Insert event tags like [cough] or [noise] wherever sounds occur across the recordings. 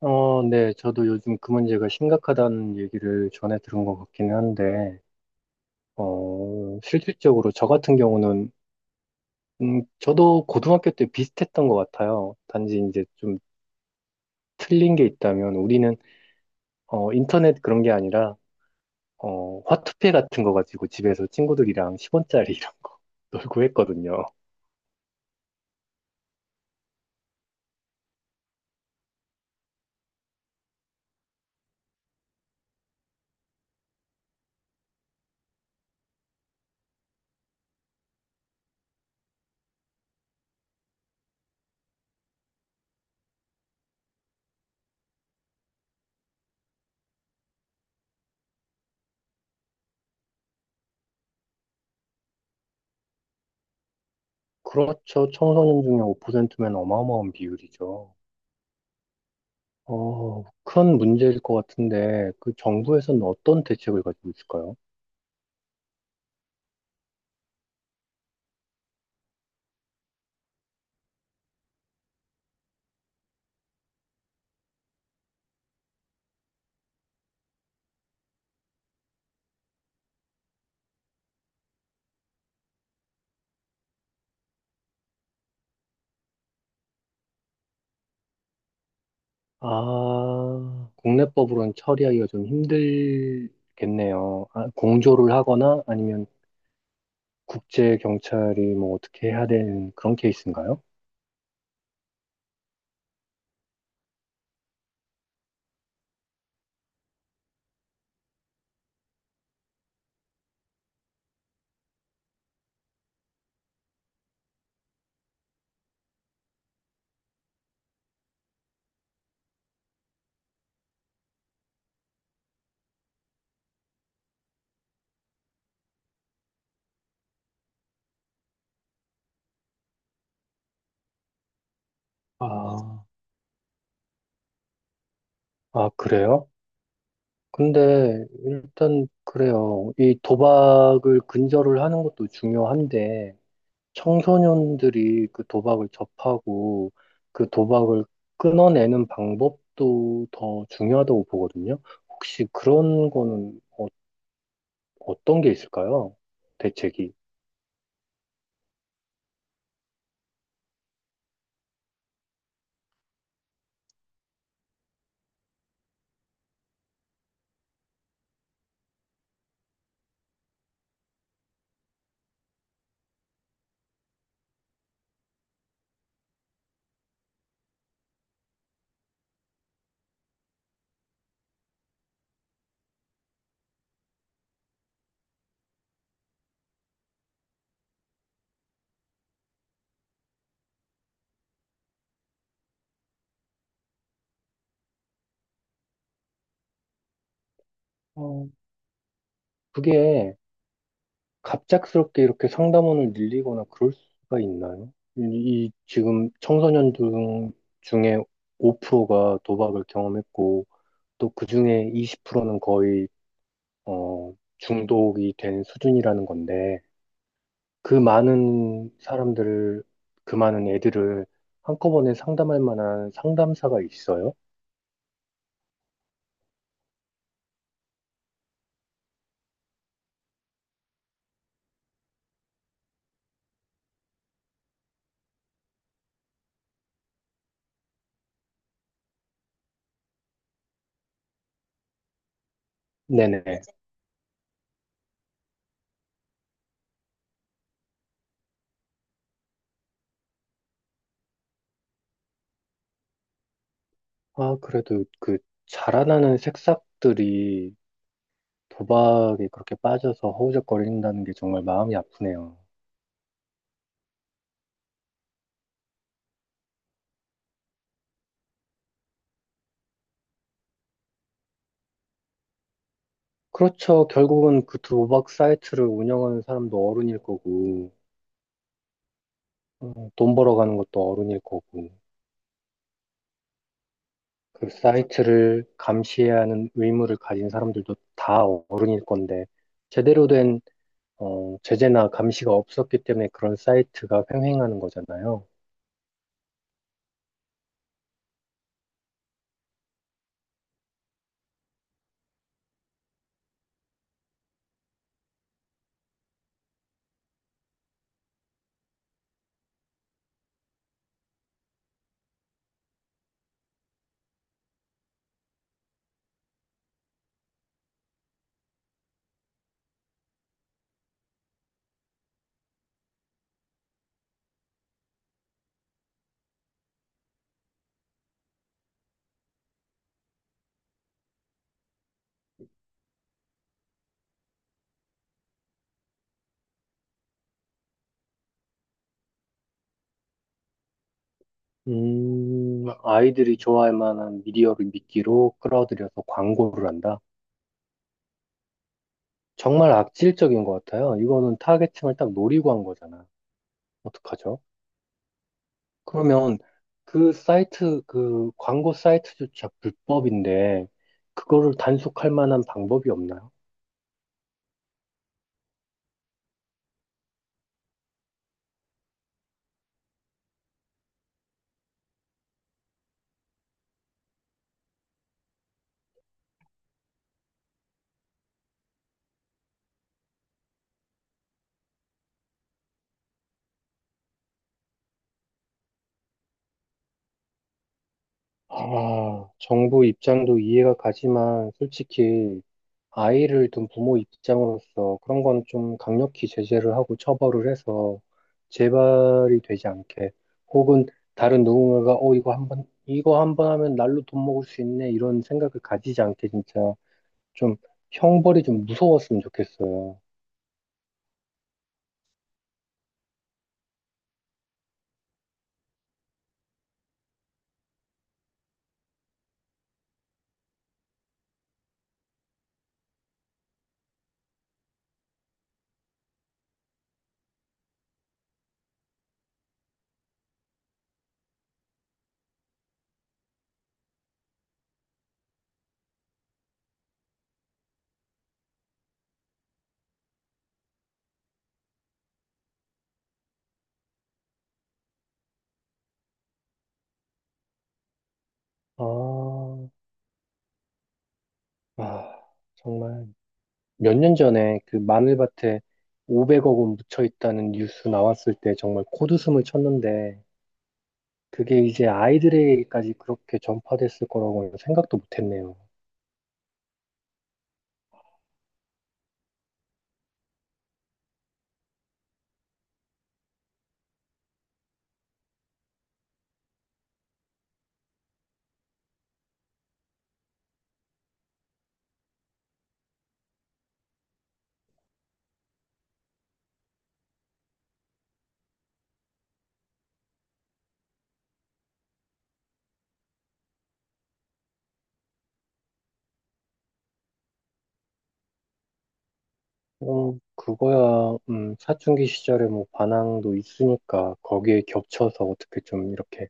네, 저도 요즘 그 문제가 심각하다는 얘기를 전해 들은 것 같기는 한데, 실질적으로 저 같은 경우는, 저도 고등학교 때 비슷했던 것 같아요. 단지 이제 좀 틀린 게 있다면, 우리는, 인터넷 그런 게 아니라, 화투패 같은 거 가지고 집에서 친구들이랑 10원짜리 이런 거 [laughs] 놀고 했거든요. 그렇죠. 청소년 중에 5%면 어마어마한 비율이죠. 큰 문제일 것 같은데, 그 정부에서는 어떤 대책을 가지고 있을까요? 아, 국내법으로는 처리하기가 좀 힘들겠네요. 아, 공조를 하거나 아니면 국제 경찰이 뭐 어떻게 해야 되는 그런 케이스인가요? 아, 아, 그래요? 근데 일단 그래요. 이 도박을 근절을 하는 것도 중요한데 청소년들이 그 도박을 접하고 그 도박을 끊어내는 방법도 더 중요하다고 보거든요. 혹시 그런 거는 어떤 게 있을까요? 대책이. 어, 그게 갑작스럽게 이렇게 상담원을 늘리거나 그럴 수가 있나요? 이 지금 청소년 중에 5%가 도박을 경험했고, 또 그 중에 20%는 거의, 중독이 된 수준이라는 건데, 그 많은 사람들을, 그 많은 애들을 한꺼번에 상담할 만한 상담사가 있어요? 네네. 아, 그래도 그 자라나는 새싹들이 도박에 그렇게 빠져서 허우적거린다는 게 정말 마음이 아프네요. 그렇죠. 결국은 그 도박 사이트를 운영하는 사람도 어른일 거고, 돈 벌어가는 것도 어른일 거고, 그 사이트를 감시해야 하는 의무를 가진 사람들도 다 어른일 건데, 제대로 된 제재나 감시가 없었기 때문에 그런 사이트가 횡행하는 거잖아요. 아이들이 좋아할 만한 미디어를 미끼로 끌어들여서 광고를 한다. 정말 악질적인 것 같아요. 이거는 타겟층을 딱 노리고 한 거잖아. 어떡하죠? 그러면 그 사이트, 그 광고 사이트조차 불법인데, 그거를 단속할 만한 방법이 없나요? 아, 정부 입장도 이해가 가지만, 솔직히 아이를 둔 부모 입장으로서 그런 건 좀 강력히 제재를 하고 처벌을 해서 재발이 되지 않게 혹은 다른 누군가가 이거 한번 이거 한번 하면 날로 돈 먹을 수 있네 이런 생각을 가지지 않게 진짜 좀 형벌이 좀 무서웠으면 좋겠어요. 아, 아 정말 몇 년 전에 그 마늘밭에 500억 원 묻혀 있다는 뉴스 나왔을 때 정말 코웃음을 쳤는데 그게 이제 아이들에게까지 그렇게 전파됐을 거라고는 생각도 못했네요. 그거야, 사춘기 시절에 뭐 반항도 있으니까 거기에 겹쳐서 어떻게 좀 이렇게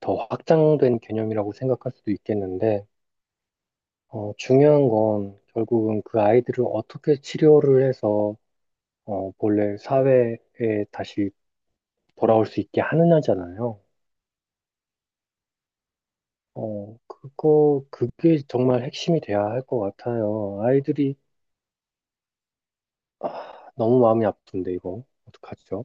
더 확장된 개념이라고 생각할 수도 있겠는데, 중요한 건 결국은 그 아이들을 어떻게 치료를 해서, 본래 사회에 다시 돌아올 수 있게 하느냐잖아요. 그게 정말 핵심이 돼야 할 것 같아요. 아이들이 아, 너무 마음이 아픈데, 이거. 어떡하죠?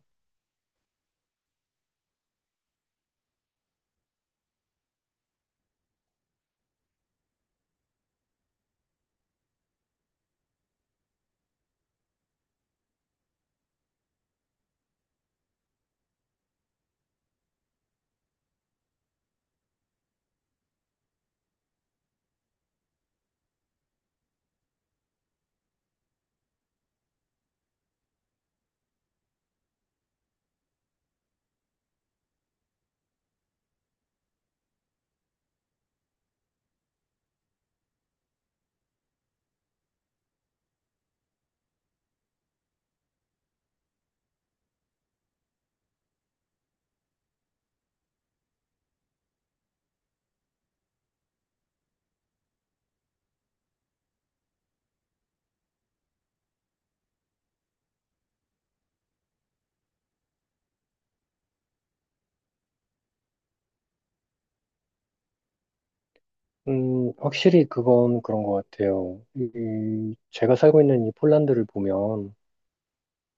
확실히 그건 그런 것 같아요. 제가 살고 있는 이 폴란드를 보면,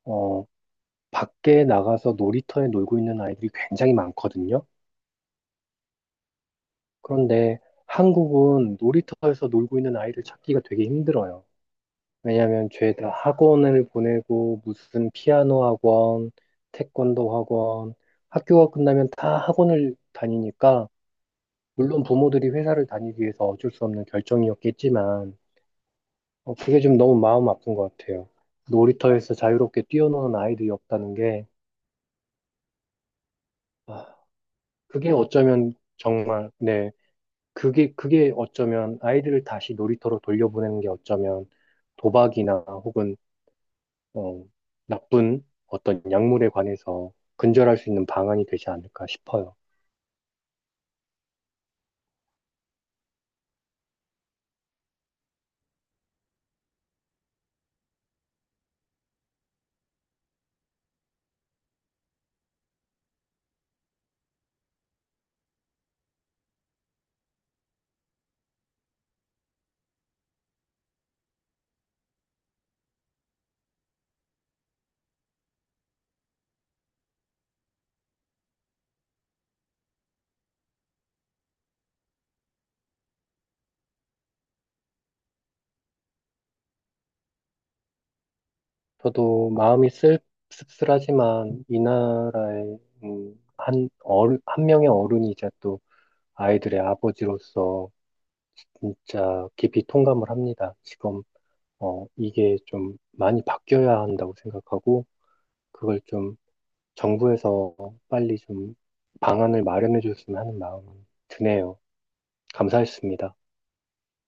어, 밖에 나가서 놀이터에 놀고 있는 아이들이 굉장히 많거든요. 그런데 한국은 놀이터에서 놀고 있는 아이를 찾기가 되게 힘들어요. 왜냐하면 죄다 학원을 보내고, 무슨 피아노 학원, 태권도 학원, 학교가 끝나면 다 학원을 다니니까, 물론 부모들이 회사를 다니기 위해서 어쩔 수 없는 결정이었겠지만, 그게 좀 너무 마음 아픈 것 같아요. 놀이터에서 자유롭게 뛰어노는 아이들이 없다는 게, 아, 그게 어쩌면 정말, 네, 그게 어쩌면 아이들을 다시 놀이터로 돌려보내는 게 어쩌면 도박이나 혹은, 어, 나쁜 어떤 약물에 관해서 근절할 수 있는 방안이 되지 않을까 싶어요. 저도 마음이 씁쓸하지만 이 나라의 한 명의 어른이 이제 또 아이들의 아버지로서 진짜 깊이 통감을 합니다. 지금 이게 좀 많이 바뀌어야 한다고 생각하고 그걸 좀 정부에서 빨리 좀 방안을 마련해 줬으면 하는 마음이 드네요. 감사했습니다.